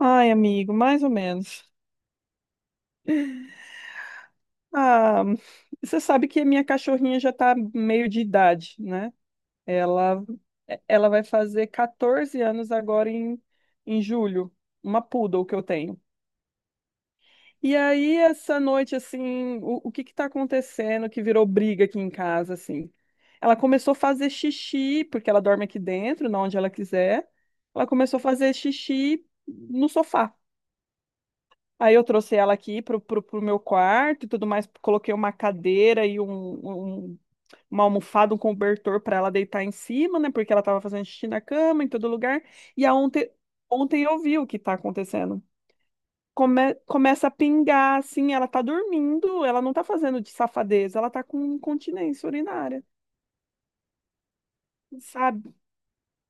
Ai, amigo, mais ou menos. Ah, você sabe que a minha cachorrinha já tá meio de idade, né? Ela, ela vai fazer 14 anos agora em julho, uma poodle que eu tenho. E aí, essa noite, assim, o que que tá acontecendo que virou briga aqui em casa, assim? Ela começou a fazer xixi, porque ela dorme aqui dentro, na onde ela quiser. Ela começou a fazer xixi no sofá. Aí eu trouxe ela aqui pro meu quarto e tudo mais, coloquei uma cadeira e uma almofada, um cobertor para ela deitar em cima, né? Porque ela tava fazendo xixi na cama, em todo lugar. E ontem eu vi o que tá acontecendo. Começa a pingar, assim, ela tá dormindo, ela não tá fazendo de safadeza, ela tá com incontinência urinária, sabe?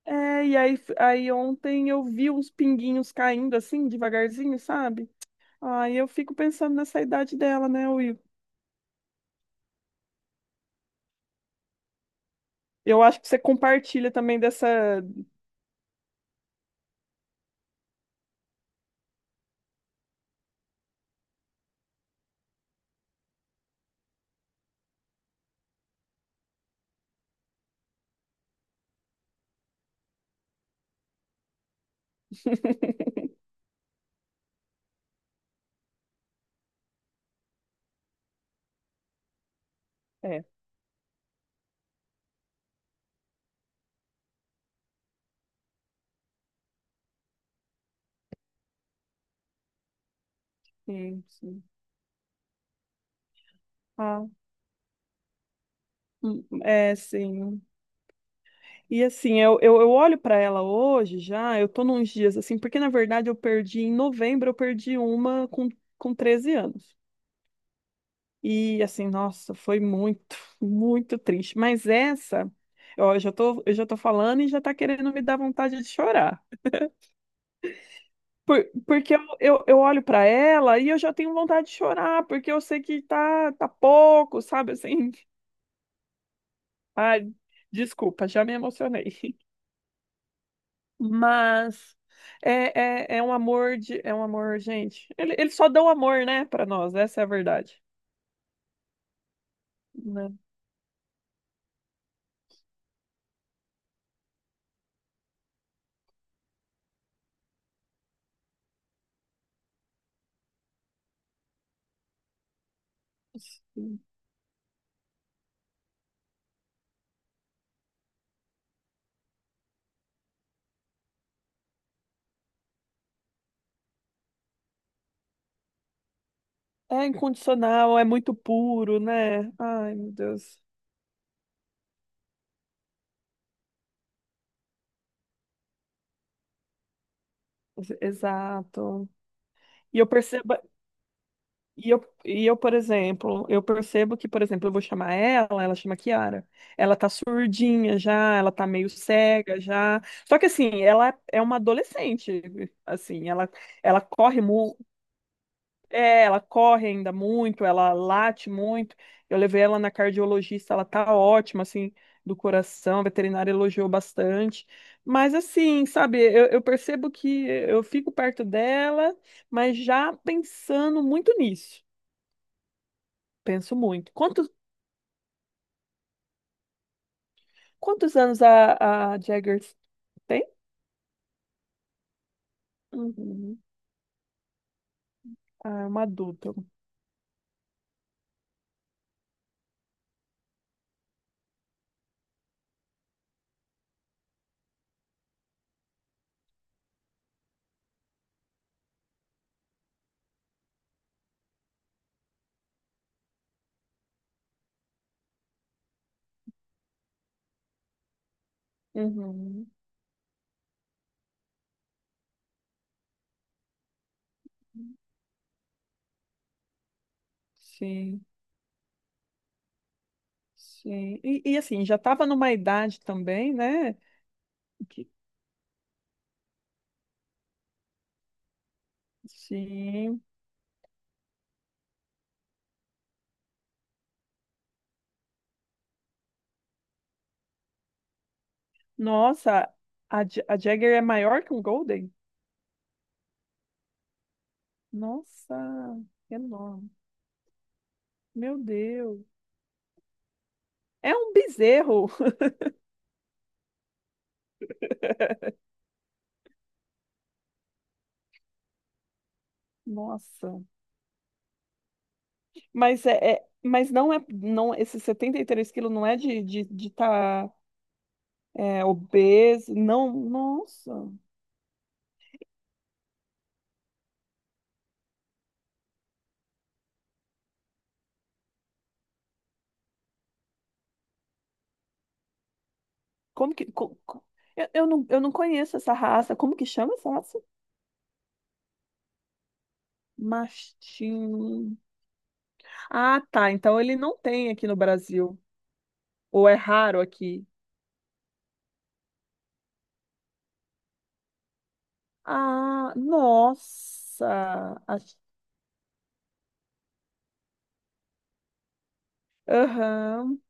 É, e aí ontem eu vi uns pinguinhos caindo assim, devagarzinho, sabe? Ai, eu fico pensando nessa idade dela, né, Will? Eu acho que você compartilha também dessa. É, sim, sim. Ah, é, sim. E assim, eu olho para ela hoje já, eu tô nos dias assim, porque na verdade eu perdi em novembro, eu perdi uma com 13 anos. E assim, nossa, foi muito, muito triste. Mas essa, ó, eu já tô falando e já tá querendo me dar vontade de chorar. Porque eu olho pra ela e eu já tenho vontade de chorar, porque eu sei que tá pouco, sabe assim? Ai, desculpa, já me emocionei. Mas é, é, é um amor de, é um amor, gente. Ele só dá o amor, né, pra nós, essa é a verdade, né? Sim. É incondicional, é muito puro, né? Ai, meu Deus. Exato. E eu percebo. E eu, por exemplo, eu percebo que, por exemplo, eu vou chamar ela, ela chama Kiara. Ela tá surdinha já, ela tá meio cega já. Só que assim, ela é uma adolescente, assim, ela corre mu ela corre ainda muito, ela late muito. Eu levei ela na cardiologista, ela tá ótima assim, do coração, a veterinária elogiou bastante. Mas assim, sabe, eu percebo que eu fico perto dela, mas já pensando muito nisso. Penso muito. Quantos anos a Jaggers tem? Uhum. Ah, é uma adulta. Uhum. Sim, sim. E, assim, já estava numa idade também, né? Que- sim. Nossa, a Jagger é maior que um Golden? Nossa, é enorme. Meu Deus. É um bezerro. Nossa. Mas não é, não, esses 73 quilos não é de tá obeso. Não, nossa. Como que. Eu não conheço essa raça. Como que chama essa raça? Mastim. Ah, tá. Então ele não tem aqui no Brasil. Ou é raro aqui. Ah, nossa. Aham,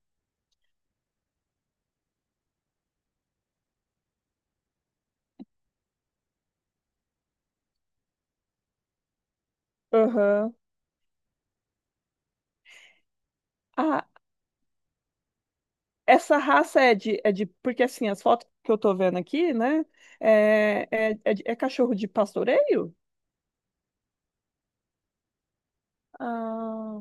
aham. Ah, essa raça é de, é de. Porque assim, as fotos que eu tô vendo aqui, né? É cachorro de pastoreio? Ah,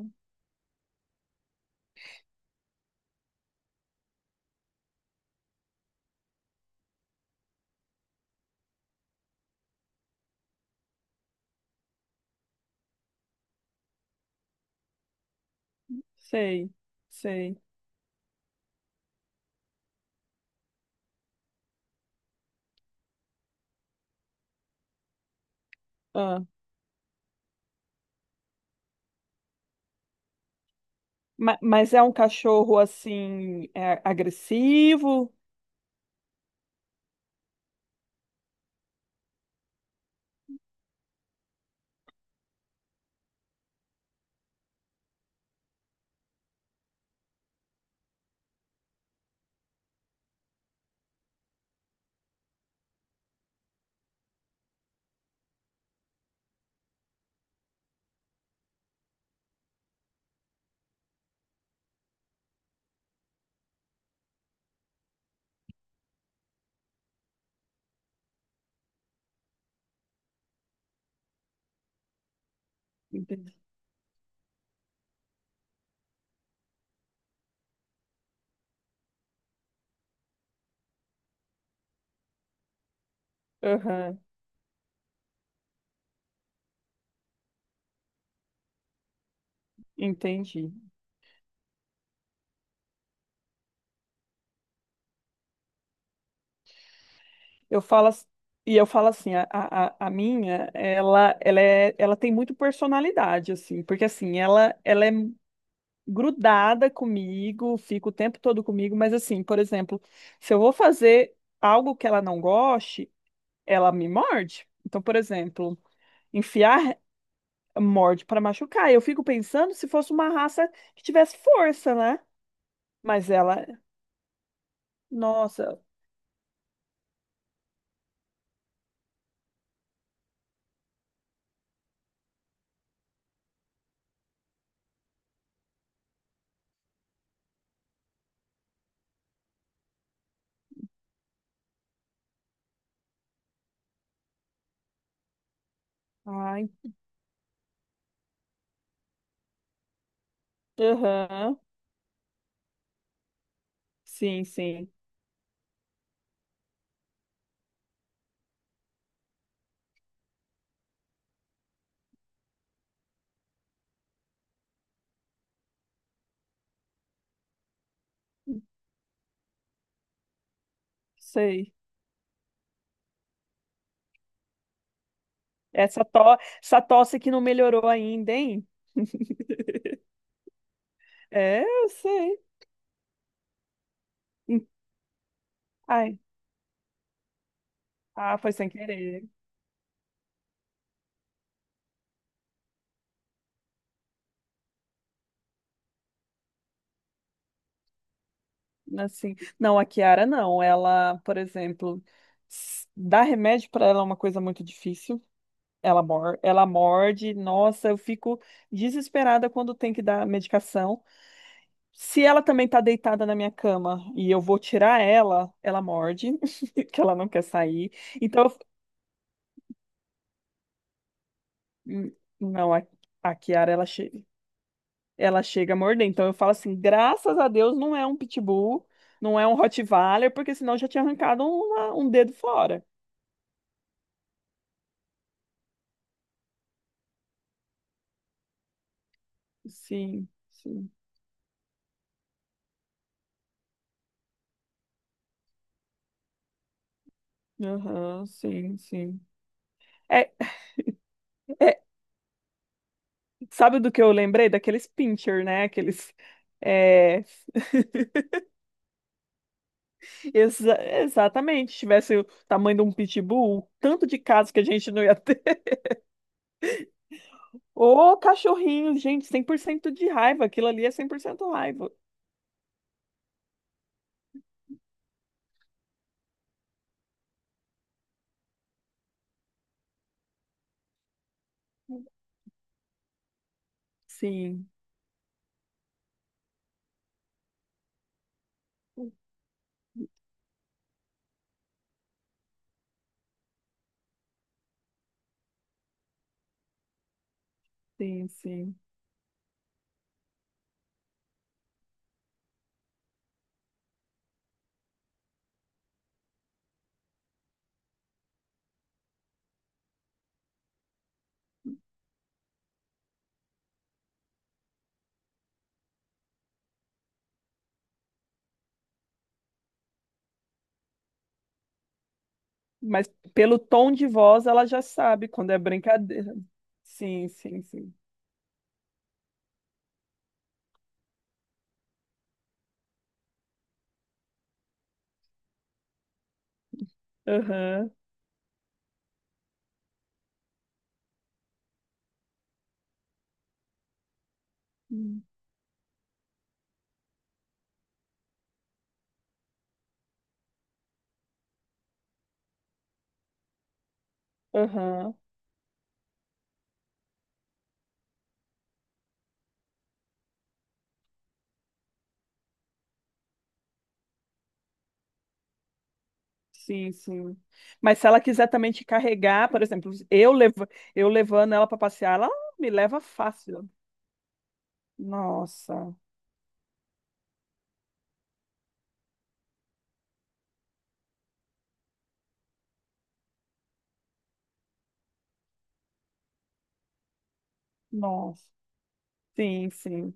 sei, sei. Ah. Mas é um cachorro assim, é agressivo? Entendi. Aham, entendi. Eu falo, ass- e eu falo assim, a minha, ela tem muito personalidade, assim, porque assim, ela é grudada comigo, fica o tempo todo comigo, mas assim, por exemplo, se eu vou fazer algo que ela não goste, ela me morde. Então, por exemplo, enfiar morde para machucar. Eu fico pensando se fosse uma raça que tivesse força, né? Mas ela, nossa, ai, aham, sim, sim, sei. Essa, to... Essa tosse que não melhorou ainda, hein? É, eu sei. Em- Ai, ah, foi sem querer. Assim, não, a Kiara não. Ela, por exemplo, dar remédio para ela é uma coisa muito difícil. Ela morde. Nossa, eu fico desesperada quando tem que dar medicação. Se ela também tá deitada na minha cama e eu vou tirar ela, ela morde, que ela não quer sair. Então, Hum, não, a Kiara, ela chega a morder. Então, eu falo assim, graças a Deus não é um pitbull, não é um Rottweiler, porque senão eu já tinha arrancado um dedo fora. Sim, sim. Aham, sim, sim. É, é, sabe do que eu lembrei? Daqueles pincher, né? É, exatamente. Se tivesse o tamanho de um pitbull, o tanto de casos que a gente não ia ter. Ô, cachorrinho, gente, 100% de raiva. Aquilo ali é 100% raiva. Sim, sim, sim. Mas pelo tom de voz, ela já sabe quando é brincadeira. Sim, sim, sim. Aham. Aham. Sim, sim. Mas se ela quiser também te carregar, por exemplo, eu levando ela para passear, ela me leva fácil. Nossa, nossa. Sim, sim.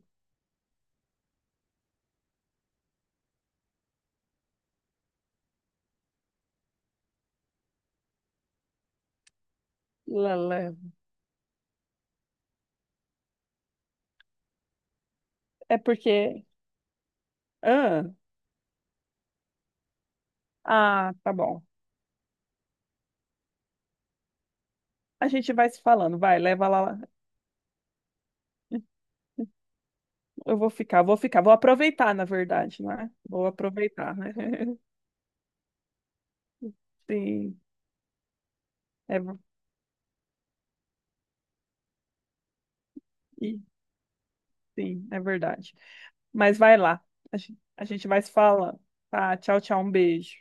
Lala. É porque. Ah, ah, tá bom. A gente vai se falando, vai, leva lá. Eu vou ficar, vou aproveitar, na verdade, não é? Vou aproveitar, né? Sim, é, ver- e- sim, é verdade. Mas vai lá, a gente vai se falando. Tá, tchau, tchau, um beijo.